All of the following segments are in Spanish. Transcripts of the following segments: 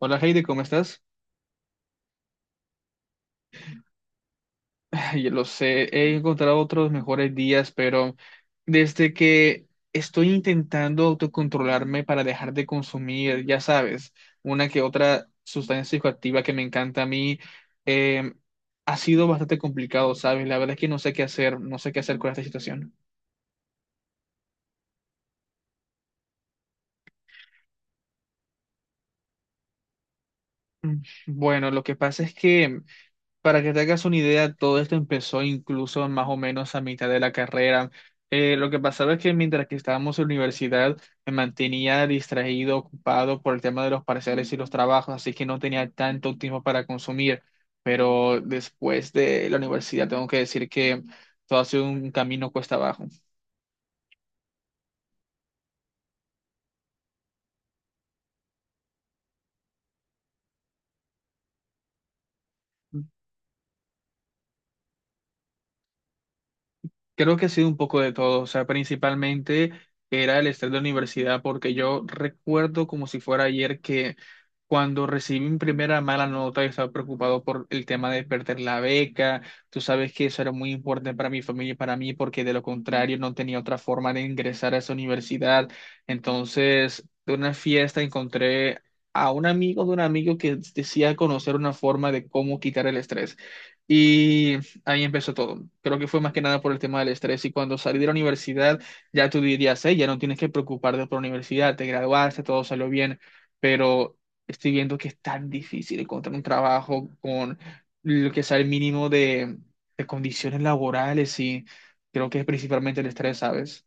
Hola Heidi, ¿cómo estás? Yo lo sé, he encontrado otros mejores días, pero desde que estoy intentando autocontrolarme para dejar de consumir, ya sabes, una que otra sustancia psicoactiva que me encanta a mí, eh, ha sido bastante complicado, ¿sabes? La verdad es que no sé qué hacer, no sé qué hacer con esta situación. Mm, Bueno, lo que pasa es que, para que te hagas una idea, todo esto empezó incluso más o menos a mitad de la carrera. Lo que pasaba es que mientras que estábamos en la universidad me mantenía distraído, ocupado por el tema de los parciales y los trabajos, así que no tenía tanto tiempo para consumir. Pero después de la universidad tengo que decir que todo ha sido un camino cuesta abajo. Creo que ha sido un poco de todo, o sea, principalmente era el estrés de la universidad, porque yo recuerdo como si fuera ayer que cuando recibí mi primera mala nota, yo estaba preocupado por el tema de perder la beca. Tú sabes que eso era muy importante para mi familia y para mí, porque de lo contrario no tenía otra forma de ingresar a esa universidad. Entonces, de una fiesta encontré a un amigo de un amigo que decía conocer una forma de cómo quitar el estrés. Y ahí empezó todo. Creo que fue más que nada por el tema del estrés. Y cuando salí de la universidad, ya tú dirías: hey, ya no tienes que preocuparte por la universidad, te graduaste, todo salió bien. Pero estoy viendo que es tan difícil encontrar un trabajo con lo que sea el mínimo de condiciones laborales, y creo que es principalmente el estrés, ¿sabes?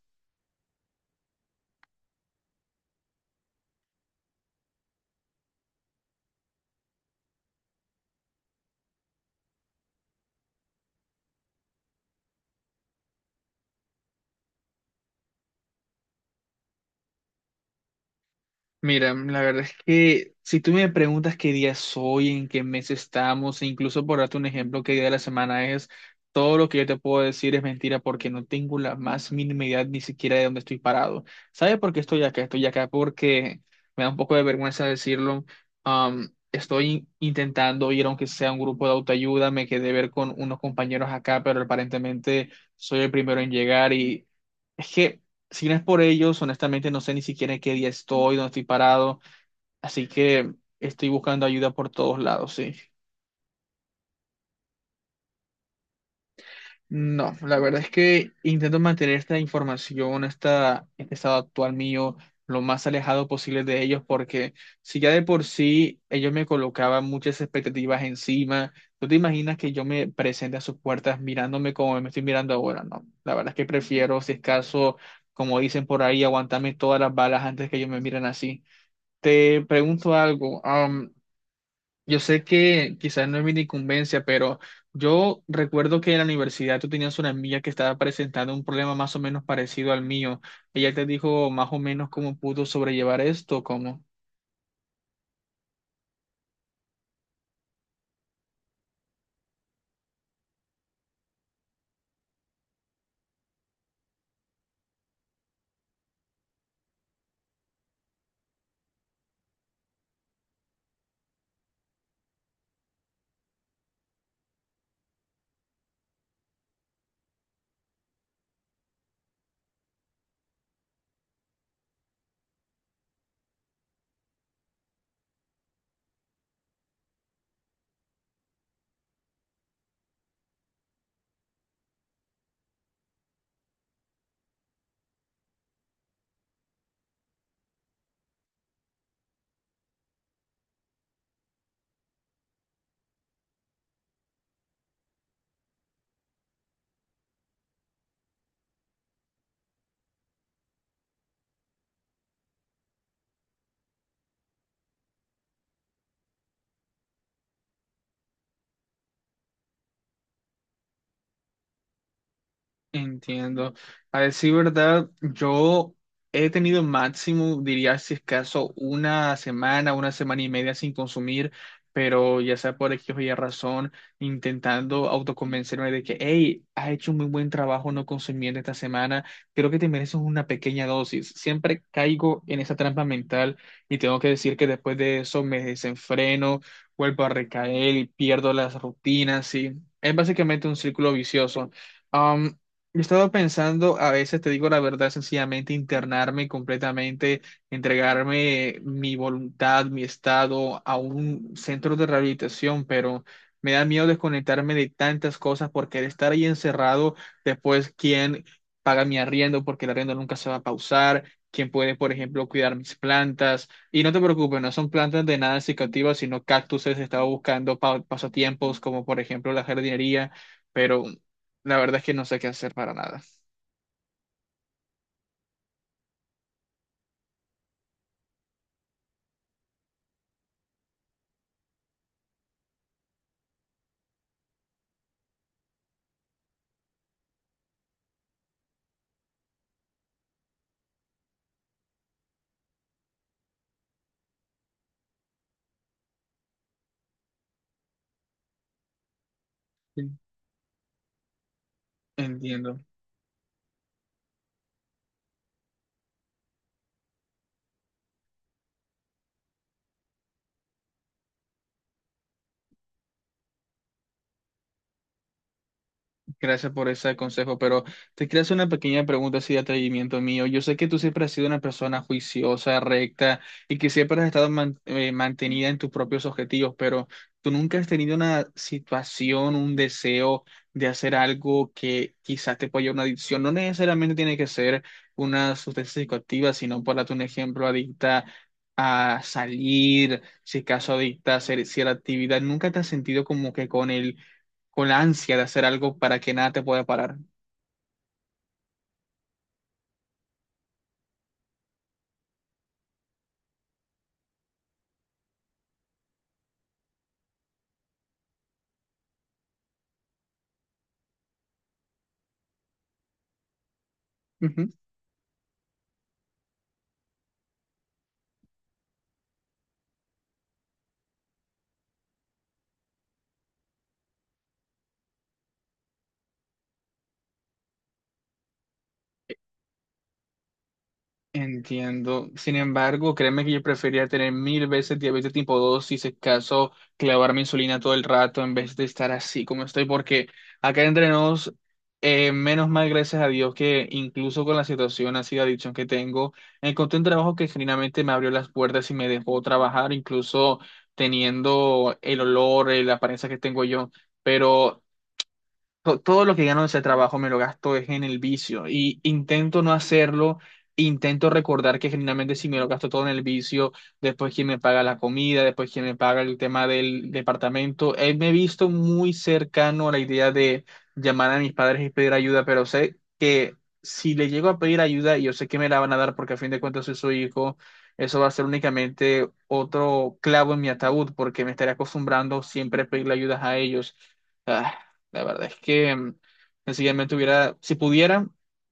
Mira, la verdad es que si tú me preguntas qué día soy, en qué mes estamos, e incluso, por darte un ejemplo, qué día de la semana es, todo lo que yo te puedo decir es mentira porque no tengo la más mínima idea ni siquiera de dónde estoy parado. ¿Sabes por qué estoy acá? Estoy acá porque me da un poco de vergüenza decirlo. Estoy intentando ir, aunque sea, un grupo de autoayuda, me quedé ver con unos compañeros acá, pero aparentemente soy el primero en llegar y... Es que si no es por ellos, honestamente no sé ni siquiera en qué día estoy, dónde estoy parado, así que estoy buscando ayuda por todos lados, sí. No, la verdad es que intento mantener esta información, este estado actual mío, lo más alejado posible de ellos, porque si ya de por sí ellos me colocaban muchas expectativas encima, ¿tú te imaginas que yo me presente a sus puertas mirándome como me estoy mirando ahora? No, la verdad es que prefiero, si es caso, como dicen por ahí, aguantarme todas las balas antes que ellos me miren así. Te pregunto algo. Yo sé que quizás no es mi incumbencia, pero yo recuerdo que en la universidad tú tenías una amiga que estaba presentando un problema más o menos parecido al mío. Ella te dijo más o menos cómo pudo sobrellevar esto, ¿cómo? Entiendo. A decir verdad, yo he tenido máximo, diría, si es caso, una semana y media sin consumir, pero ya sea por X o Y razón, intentando autoconvencerme de que, hey, has hecho un muy buen trabajo no consumiendo esta semana, creo que te mereces una pequeña dosis. Siempre caigo en esa trampa mental y tengo que decir que después de eso me desenfreno, vuelvo a recaer y pierdo las rutinas, y es básicamente un círculo vicioso. Yo he estado pensando, a veces, te digo la verdad, sencillamente internarme completamente, entregarme, mi voluntad, mi estado, a un centro de rehabilitación, pero me da miedo desconectarme de tantas cosas, porque de estar ahí encerrado, después quién paga mi arriendo, porque el arriendo nunca se va a pausar, quién puede, por ejemplo, cuidar mis plantas. Y no te preocupes, no son plantas de nada cicativas, sino cactuses. Estaba buscando pasatiempos como, por ejemplo, la jardinería, pero la verdad es que no sé qué hacer para nada. Sí. Entiendo. Gracias por ese consejo, pero te quiero hacer una pequeña pregunta así, de atrevimiento mío. Yo sé que tú siempre has sido una persona juiciosa, recta, y que siempre has estado mantenida en tus propios objetivos, pero tú nunca has tenido una situación, un deseo de hacer algo que quizás te pueda llevar a una adicción. No necesariamente tiene que ser una sustancia psicoactiva, sino, por darte un ejemplo, adicta a salir, si acaso adicta a hacer cierta actividad. ¿Nunca te has sentido como que con el con la ansia de hacer algo para que nada te pueda parar? Ujú. Entiendo. Sin embargo, créeme que yo prefería tener mil veces diabetes tipo dos, si se caso clavarme insulina todo el rato, en vez de estar así como estoy, porque acá entre nos, menos mal, gracias a Dios, que incluso con la situación así de adicción que tengo, encontré un trabajo que genuinamente me abrió las puertas y me dejó trabajar, incluso teniendo el olor, la apariencia que tengo yo. Pero todo lo que gano de ese trabajo me lo gasto es en el vicio, y intento no hacerlo, intento recordar que generalmente, si me lo gasto todo en el vicio, después quién me paga la comida, después quién me paga el tema del departamento. Me he visto muy cercano a la idea de llamar a mis padres y pedir ayuda, pero sé que si le llego a pedir ayuda, y yo sé que me la van a dar porque a fin de cuentas soy su hijo, eso va a ser únicamente otro clavo en mi ataúd porque me estaré acostumbrando siempre a pedirle ayudas a ellos. Ah, la verdad es que mm, Sencillamente hubiera, si pudiera,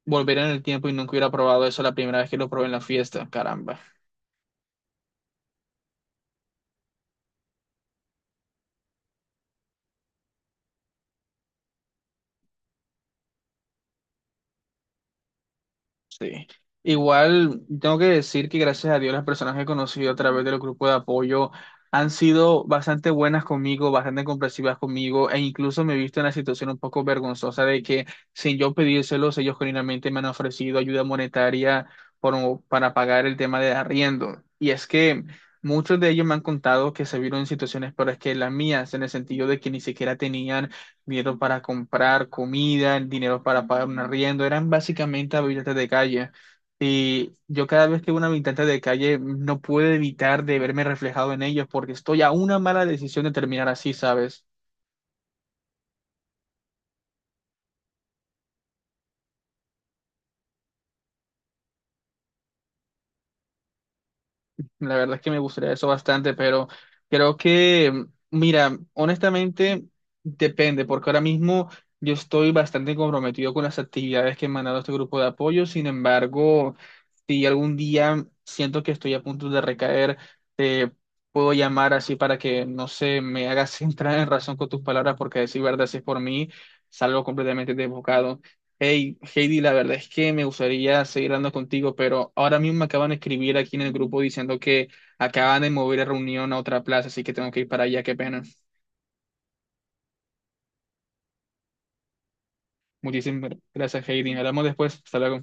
volver en el tiempo, y nunca hubiera probado eso la primera vez que lo probé en la fiesta, caramba. Sí. Igual tengo que decir que gracias a Dios las personas que he conocido a través de los grupos de apoyo han sido bastante buenas conmigo, bastante comprensivas conmigo, e incluso me he visto en la situación un poco vergonzosa de que, sin yo pedírselos, ellos genuinamente me han ofrecido ayuda monetaria para pagar el tema de arriendo. Y es que muchos de ellos me han contado que se vieron en situaciones peores que las mías, en el sentido de que ni siquiera tenían dinero para comprar comida, dinero para pagar un arriendo, eran básicamente habitantes de calle. Y yo cada vez que veo un habitante de calle no puedo evitar de verme reflejado en ellos, porque estoy a una mala decisión de terminar así, ¿sabes? La verdad es que me gustaría eso bastante, pero creo que, mira, honestamente depende, porque ahora mismo yo estoy bastante comprometido con las actividades que he mandado a este grupo de apoyo. Sin embargo, si algún día siento que estoy a punto de recaer, te puedo llamar así para que, no sé, me hagas entrar en razón con tus palabras, porque a decir verdad, si es por mí, salgo completamente desbocado. Hey, Heidi, la verdad es que me gustaría seguir hablando contigo, pero ahora mismo me acaban de escribir aquí en el grupo diciendo que acaban de mover la reunión a otra plaza, así que tengo que ir para allá, qué pena. Muchísimas gracias, Heidi. Hablamos después. Hasta luego.